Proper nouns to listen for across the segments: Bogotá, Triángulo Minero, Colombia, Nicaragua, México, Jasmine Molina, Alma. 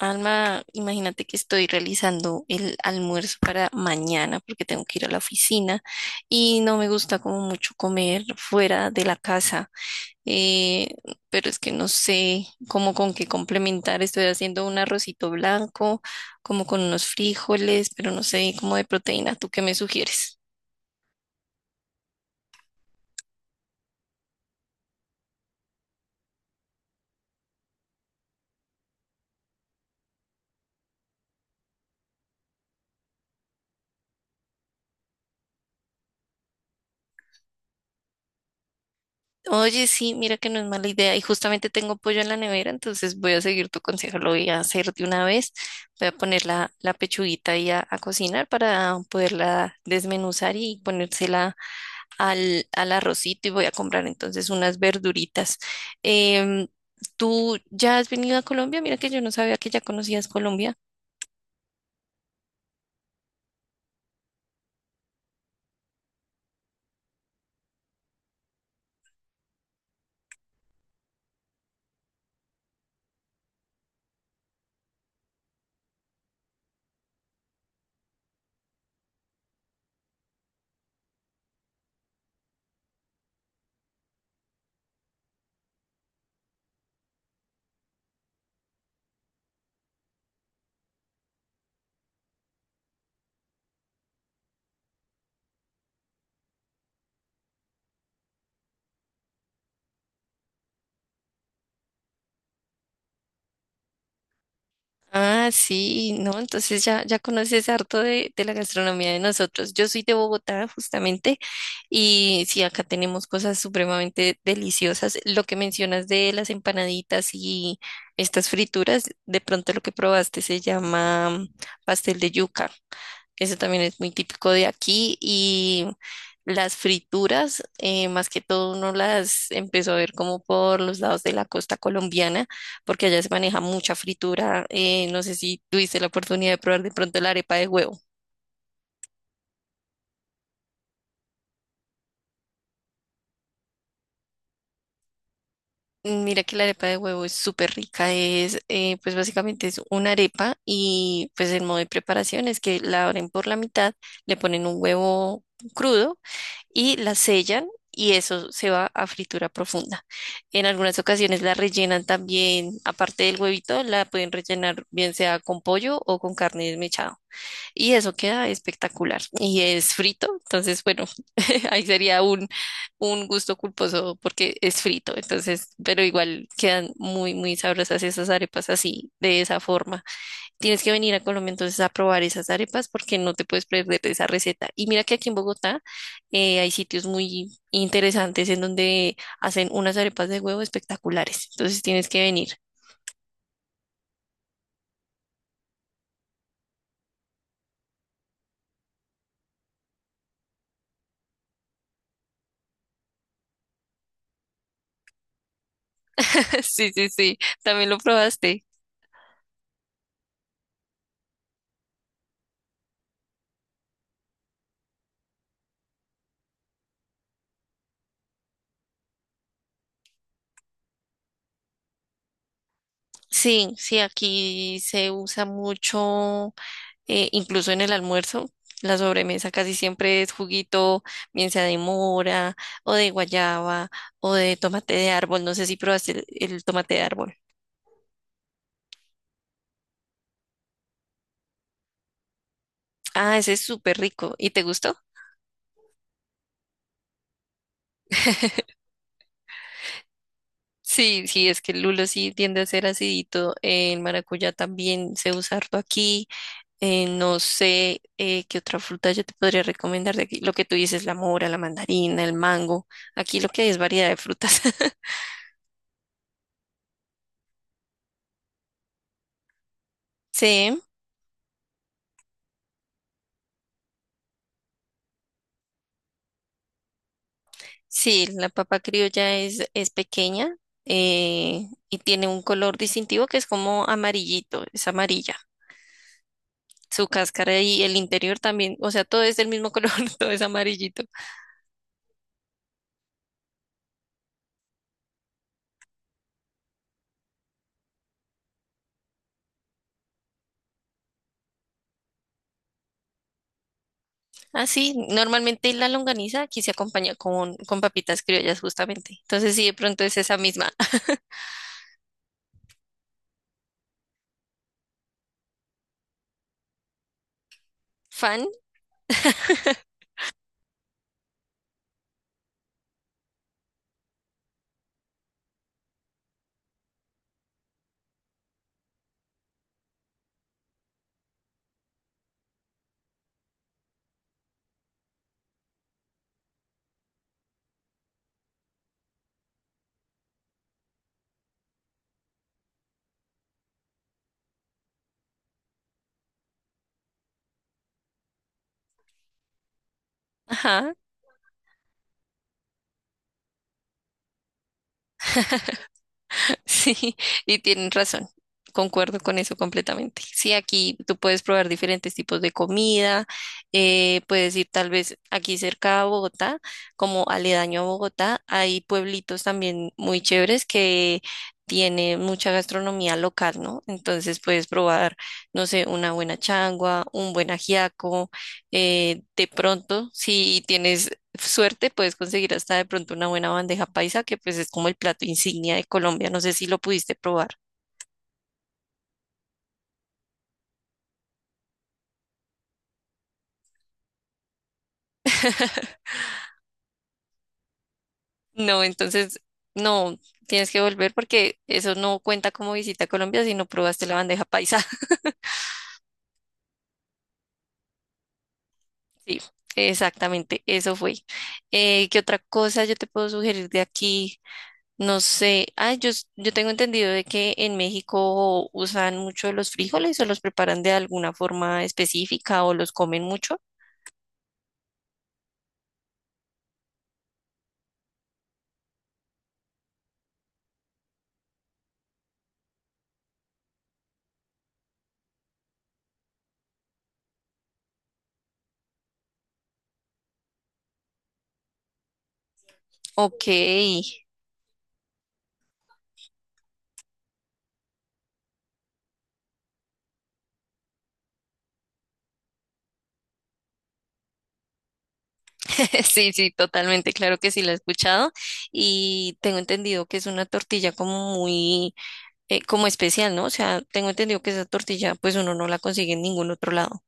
Alma, imagínate que estoy realizando el almuerzo para mañana porque tengo que ir a la oficina y no me gusta como mucho comer fuera de la casa. eh, pero es que no sé cómo, con qué complementar. Estoy haciendo un arrocito blanco, como con unos frijoles, pero no sé, como de proteína. ¿Tú qué me sugieres? Oye, sí, mira que no es mala idea. Y justamente tengo pollo en la nevera, entonces voy a seguir tu consejo, lo voy a hacer de una vez. Voy a poner la pechuguita ahí a cocinar para poderla desmenuzar y ponérsela al arrocito, y voy a comprar entonces unas verduritas. Em, ¿Tú ya has venido a Colombia? Mira que yo no sabía que ya conocías Colombia. Ah, sí, no, entonces ya conoces harto de la gastronomía de nosotros. Yo soy de Bogotá, justamente, y sí, acá tenemos cosas supremamente deliciosas. Lo que mencionas de las empanaditas y estas frituras, de pronto lo que probaste se llama pastel de yuca. Ese también es muy típico de aquí, y las frituras, más que todo uno las empezó a ver como por los lados de la costa colombiana, porque allá se maneja mucha fritura. No sé si tuviste la oportunidad de probar de pronto la arepa de huevo. Mira que la arepa de huevo es súper rica, es pues básicamente es una arepa, y pues el modo de preparación es que la abren por la mitad, le ponen un huevo crudo y la sellan, y eso se va a fritura profunda. En algunas ocasiones la rellenan también, aparte del huevito, la pueden rellenar bien sea con pollo o con carne desmechada. Y eso queda espectacular. Y es frito, entonces bueno, ahí sería un gusto culposo porque es frito. Entonces, pero igual quedan muy, muy sabrosas esas arepas así, de esa forma. Tienes que venir a Colombia entonces a probar esas arepas porque no te puedes perder de esa receta. Y mira que aquí en Bogotá hay sitios muy interesantes en donde hacen unas arepas de huevo espectaculares. Entonces tienes que venir. Sí, sí, sí. También lo probaste. Sí, sí, aquí se usa mucho, incluso en el almuerzo. La sobremesa casi siempre es juguito, bien sea de mora o de guayaba o de tomate de árbol. No sé si probaste el tomate de árbol. Ah, ese es súper rico. ¿Y te gustó? Sí, sí, es que el lulo sí tiende a ser acidito. El maracuyá también se usa harto aquí. No sé qué otra fruta yo te podría recomendar de aquí. Lo que tú dices, la mora, la mandarina, el mango. Aquí lo que hay es variedad de frutas. Sí, sí, la papa criolla es pequeña, y tiene un color distintivo que es como amarillito, es amarilla. Su cáscara y el interior también, o sea, todo es del mismo color, todo es amarillito. Ah, sí, normalmente la longaniza aquí se acompaña con papitas criollas justamente. Entonces, sí, de pronto es esa misma. Fan. Ajá. Sí, y tienen razón. Concuerdo con eso completamente. Sí, aquí tú puedes probar diferentes tipos de comida, puedes ir tal vez aquí cerca a Bogotá, como aledaño a Bogotá, hay pueblitos también muy chéveres que tienen mucha gastronomía local, ¿no? Entonces puedes probar, no sé, una buena changua, un buen ajiaco, de pronto, si tienes suerte puedes conseguir hasta de pronto una buena bandeja paisa, que pues es como el plato insignia de Colombia. No sé si lo pudiste probar. No, entonces no, tienes que volver porque eso no cuenta como visita a Colombia si no probaste la bandeja paisa. Sí, exactamente, eso fue. ¿Qué otra cosa yo te puedo sugerir de aquí? No sé, ah, yo tengo entendido de que en México usan mucho los frijoles o los preparan de alguna forma específica o los comen mucho. Ok. Sí, sí, totalmente, claro que sí la he escuchado, y tengo entendido que es una tortilla como muy, como especial, ¿no? O sea, tengo entendido que esa tortilla pues uno no la consigue en ningún otro lado.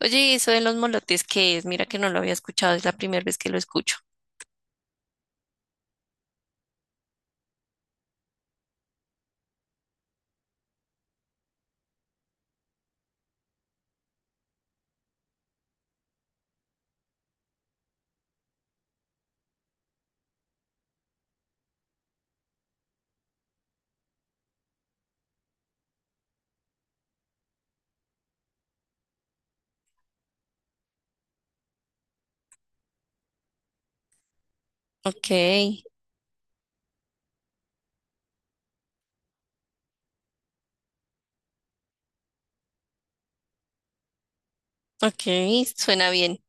Oye, ¿y eso de los molotes qué es? Mira que no lo había escuchado, es la primera vez que lo escucho. Ok, ok, suena bien.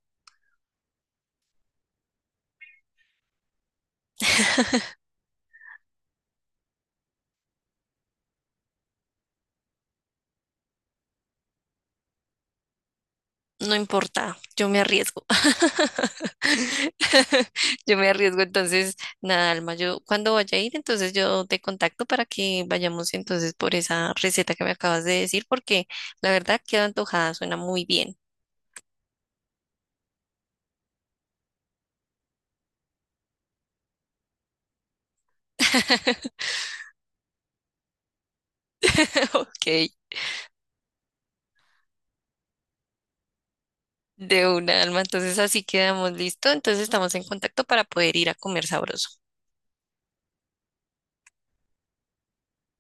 No importa, yo me arriesgo. Yo me arriesgo, entonces, nada, Alma, yo cuando vaya a ir, entonces yo te contacto para que vayamos entonces por esa receta que me acabas de decir, porque la verdad queda antojada, suena muy bien. Ok, de una, Alma, entonces así quedamos listo, entonces estamos en contacto para poder ir a comer sabroso.